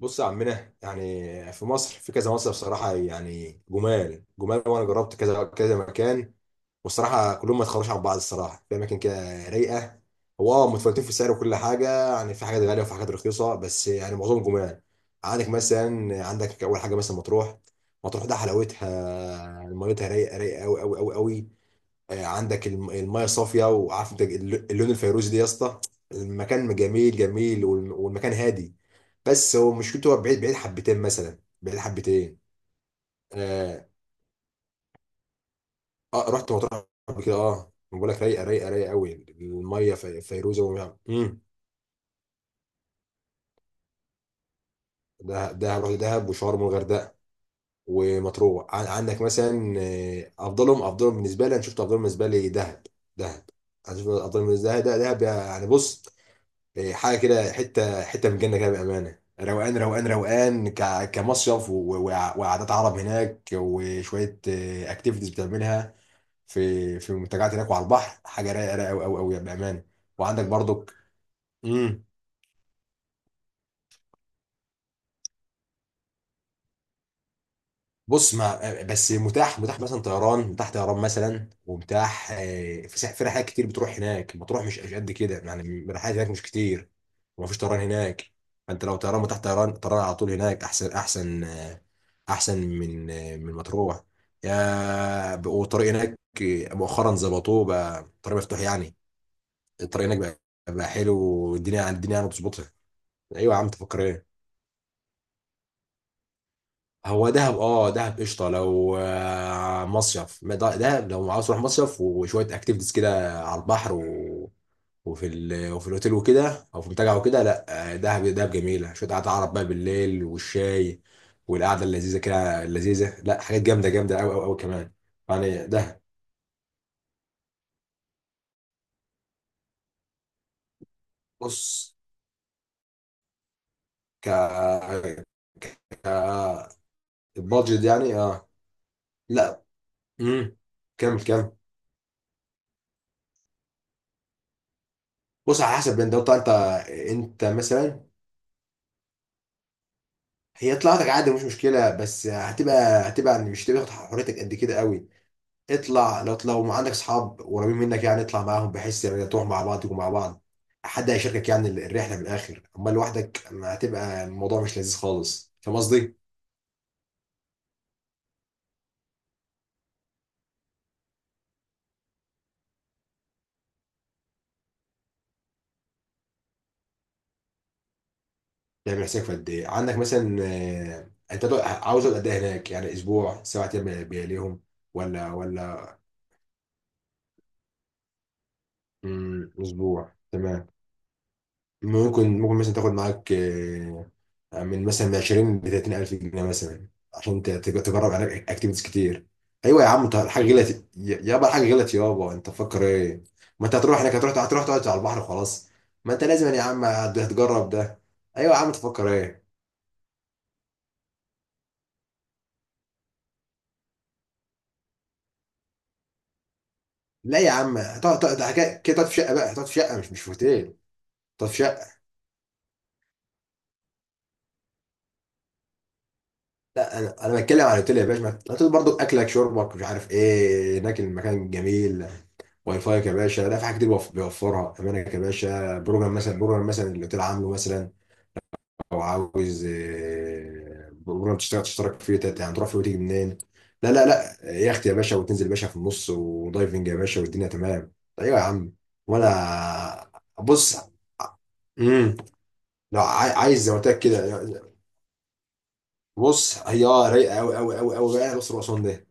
بص يا عمنا، يعني في مصر في كذا مصيف صراحة، يعني جمال جمال. وأنا جربت كذا كذا مكان، والصراحة كلهم ما يتخرجش عن بعض. الصراحة في أماكن كده رايقة. هو متفاوتين في السعر وكل حاجة. يعني في حاجات غالية وفي حاجات رخيصة، بس يعني معظمهم جمال. عندك مثلا، عندك أول حاجة مثلا مطروح. مطروح ده حلاوتها، ميتها رايقة رايقة أوي أوي أوي أوي. عندك الميه صافيه، وعارف انت اللون الفيروزي ده يا اسطى. المكان جميل جميل، والمكان هادي. بس هو مشكلته، هو بعيد، بعيد حبتين، مثلا بعيد حبتين. اه. آه رحت مطروح قبل كده. اه بقول لك رايقه رايقه رايقه قوي، الميه فيروزه، ومش... امم. دهب، دهب، رحت دهب وشرم والغردقه ومطروح. عندك مثلا، افضلهم، افضلهم بالنسبه لي، انا شفت افضلهم بالنسبه لي دهب. دهب. انا شفت افضلهم بالنسبه لي دهب. دهب يعني، بص، حاجه كده، حته حته من الجنه كده، بامانه روقان روقان روقان كمصيف، وقعدات عرب هناك، وشويه اكتيفيتيز بتعملها في منتجعات هناك، وعلى البحر حاجه رايقه رايقه قوي قوي قوي بامانه. وعندك برضك. امم. بص، ما بس متاح، متاح مثلا طيران، متاح طيران مثلا، ومتاح، في في رحلات كتير بتروح هناك، بتروح مش قد كده، يعني الرحلات هناك مش كتير. ومفيش طيران هناك. فانت لو طيران متاح، طيران طيران على طول هناك احسن احسن، احسن من مطروح. والطريق هناك مؤخرا ظبطوه بقى، طريق مفتوح يعني. الطريق هناك بقى، بقى حلو. الدنيا يعني بتظبطها. ايوه يا عم، تفكر ايه؟ هو دهب، دهب قشطه لو، مصيف. ما دهب لو عاوز تروح مصيف وشويه اكتيفيتيز كده على البحر، و... وفي الاوتيل وكده، او في منتجع وكده، لا، دهب، دهب جميله. شويه قعده عرب بقى بالليل، والشاي، والقعده اللذيذه كده، اللذيذه، لا، حاجات جامده جامده قوي قوي قوي كمان. يعني دهب. بص، ك ك البادجت يعني، اه. لا. امم. كمل، كمل. بص، على حسب، انت انت مثلا. هي طلعتك عادي، مش مشكله، بس هتبقى، يعني مش هتبقى حريتك قد كده قوي. اطلع، لو ما عندك اصحاب قريبين منك، يعني اطلع معاهم، بحيث يعني تروح مع بعض، تكون مع بعض، حد هيشاركك يعني الرحله في الاخر. اما لوحدك ما هتبقى الموضوع مش لذيذ خالص. فاهم قصدي؟ ده بيحسك في قد ايه عندك، مثلا انت، عاوز اقعد قد ايه هناك؟ يعني اسبوع، سبع ايام بيليهم؟ ولا ولا اسبوع تمام. ممكن مثلا تاخد معاك، من مثلا من 20 ل 30 الف جنيه مثلا، عشان تجرب عليك اكتيفيتيز كتير. ايوه يا عم، انت الحاجه غلط، يابا، الحاجه غلط يابا، انت تفكر ايه؟ ما انت هتروح هناك، هتروح تقعد على البحر خلاص. ما انت لازم يا عم هتجرب ده. ايوه يا عم، تفكر ايه؟ لا يا عم، تقعد كده، تقعد في شقه بقى، هتقعد في شقه، مش في اوتيل. تقعد في شقه. لا، انا بتكلم عن اوتيل يا باشا. الاوتيل برضو اكلك شربك مش عارف ايه هناك، المكان جميل. واي فاي يا باشا، لا، في حاجات كتير بيوفرها، امانك يا باشا، بروجرام مثلا، بروجرام مثلا اللي الاوتيل عامله مثلا. او عاوز بروجرام تشتغل، تشترك فيه، يعني تروح فيه وتيجي منين. لا، لا، لا، يخت يا باشا، وتنزل يا باشا في النص، ودايفنج يا باشا، والدنيا تمام. ايوه يا عم. وانا بص. امم. لو عايز زي ما قلت لك كده، بص هي رايقه قوي قوي قوي قوي بقى الاقصر واسوان ده.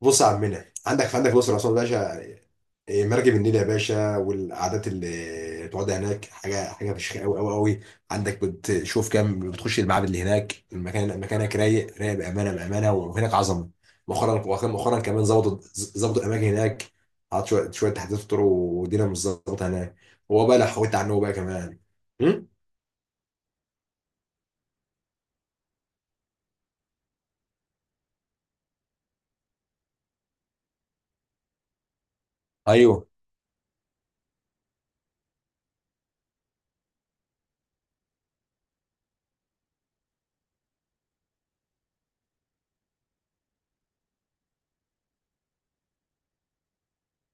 بص يا عمنا، عندك الاقصر واسوان يا باشا، مركب النيل يا باشا، والقعدات اللي تقعدها هناك حاجه، حاجه فشخ قوي قوي قوي. عندك بتشوف كام، بتخش المعابد اللي هناك، المكان، مكانك رايق رايق بامانه، بامانه وهناك عظمه. مؤخرا، وكان مؤخرا كمان ظبطوا، الاماكن هناك. حط شويه شويه تحديثات طرق، والدنيا مش ظابطه هناك. هو بقى لو حكيت عنه بقى كمان. م؟ ايوه،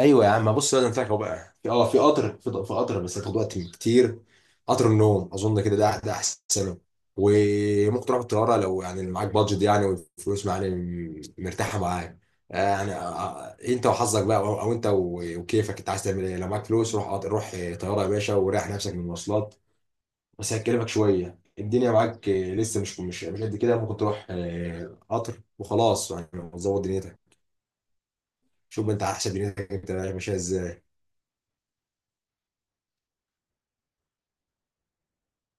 ايوه يا عم، بص بقى ده أنا فاكره بقى في في قطر، في قطر، بس هتاخد وقت كتير. قطر النوم اظن كده، ده احسن. وممكن تروح بالطياره لو يعني معاك بادجت، يعني والفلوس يعني مرتاحه معاك. آه، يعني آه، انت وحظك بقى، او انت وكيفك، انت عايز تعمل ايه؟ لو معاك فلوس روح، روح طياره يا باشا، وريح نفسك من المواصلات. بس هتكلفك شويه، الدنيا معاك لسه، مش قد كده، ممكن تروح قطر وخلاص يعني، تظبط دنيتك. شوف انت على حسب دنيتك انت ماشيه ازاي.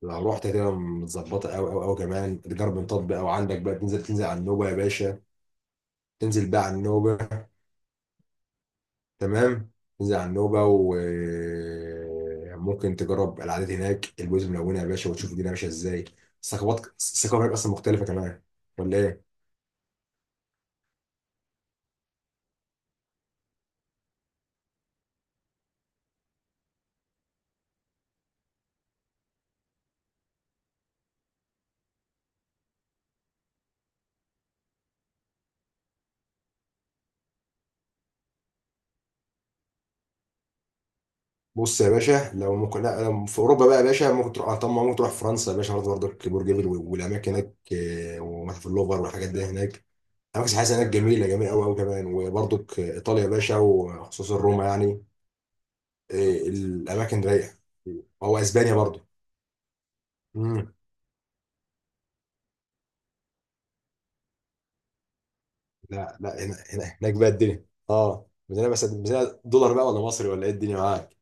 لو رحت هتبقى متظبطه قوي قوي قوي كمان، تجرب نطاط بقى، وعندك بقى تنزل على النوبه يا باشا. تنزل بقى على النوبه. تمام. تنزل على النوبه، وممكن تجرب العادات هناك، البيوت الملونه يا باشا، وتشوف الدنيا ماشيه ازاي. الثقافه هناك اصلا مختلفه كمان. ولا ايه؟ بص يا باشا، لو ممكن لا، لو في اوروبا بقى يا باشا ممكن تروح، طبعا ممكن تروح فرنسا يا باشا، برضه برضك، برج ايفل والاماكن هناك، ومتحف اللوفر والحاجات دي هناك. أماكن سياحية هناك جميلة جميلة أوي أوي كمان. وبرضك إيطاليا يا باشا، وخصوصا روما يعني، الأماكن رايقة. هو أسبانيا برضه. مم. لا، لا، هنا هناك بقى الدنيا، ميزانية، بس ميزانية دولار بقى ولا مصري، ولا إيه الدنيا معاك؟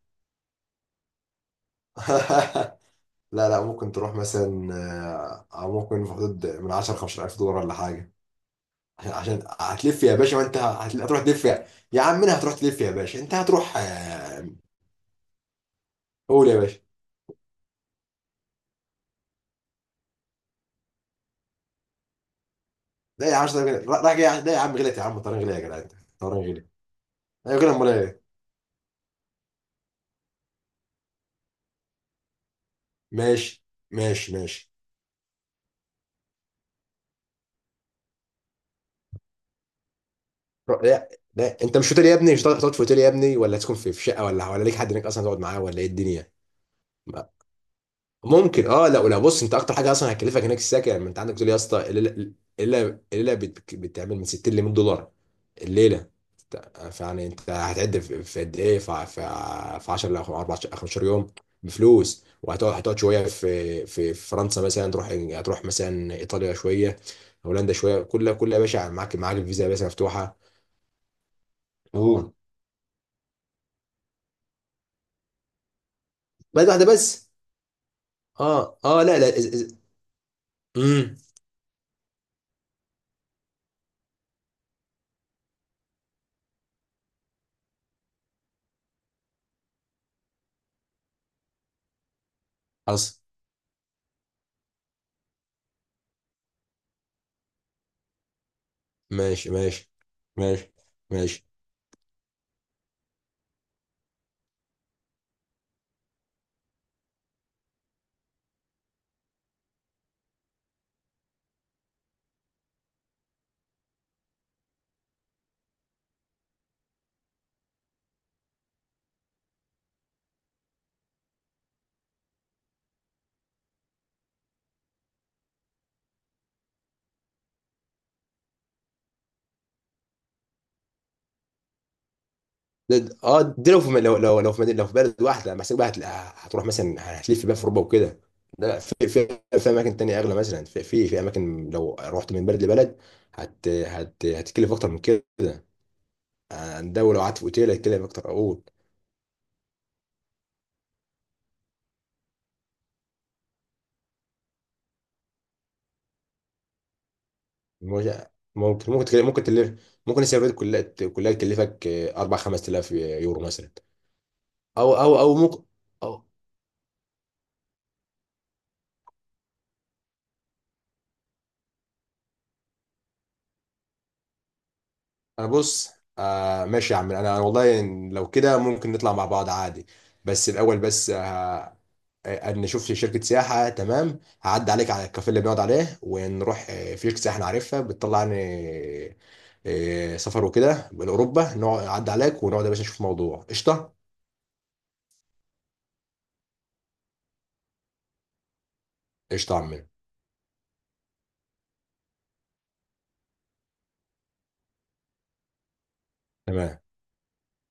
لا، لا، ممكن تروح مثلا، أو ممكن في حدود من 10 15000 دولار ولا حاجة، عشان هتلف يا باشا. ما أنت هتروح تلف، يا عم منها، هتروح تلف يا باشا، أنت هتروح، قول يا باشا. لا يا عم، مش طيران غالي راح جاي، لا يا عم، غلط يا عم، الطيران غلي يا جدع، انت الطيران غلي. ايوه غلي، امال ايه؟ ماشي، ماشي، ماشي. لا، لا، انت مش في اوتيل يا ابني، مش هتقعد في اوتيل يا ابني، ولا تكون في شقه، ولا ليك حد هناك اصلا تقعد معاه، ولا ايه الدنيا؟ ممكن، لا، ولا، بص، انت اكتر حاجه اصلا هتكلفك هناك السكن. ما انت عندك تقول يا اسطى، الليله، الليله بتعمل من 60 ل 100 دولار الليله. فيعني انت هتعد في، في قد ايه في في في 10 ل 14 15 يوم بفلوس، وهتقعد، شويه في فرنسا، مثلا تروح هتروح مثلا ايطاليا شويه، هولندا شويه. كل يا باشا، معاك الفيزا يا باشا مفتوحه. اوه. بس واحده بس. اه، اه، لا، لا. امم. حصل. ماشي، ماشي، ماشي، ماشي. ده اه دي، لو لو في مدينة، لو في بلد واحده لما حسابك بقى، هتروح مثلا، هتلف بقى في اوروبا وكده. لا، في اماكن تانية اغلى، مثلا في اماكن، لو رحت من بلد لبلد هت هت هتكلف اكتر من كده، عن ده. ولو قعدت في اوتيل هتكلف اكتر اقول. مش- ممكن تكلف، ممكن تلف. ممكن السفرية دي كلها كلها تكلفك 4 5000 يورو مثلا، او او او ممكن، أو انا بص. ماشي يا عم، انا والله إن لو كده ممكن نطلع مع بعض عادي. بس الاول، بس ان نشوف شركه سياحه، تمام، هعدي عليك على الكافيه اللي بنقعد عليه ونروح، في شركه سياحه انا عارفها بتطلع يعني، سفر وكده لاوروبا، نقعد اعدي عليك ونقعد يا باشا نشوف موضوع قشطه. قشطه يا عم. تمام.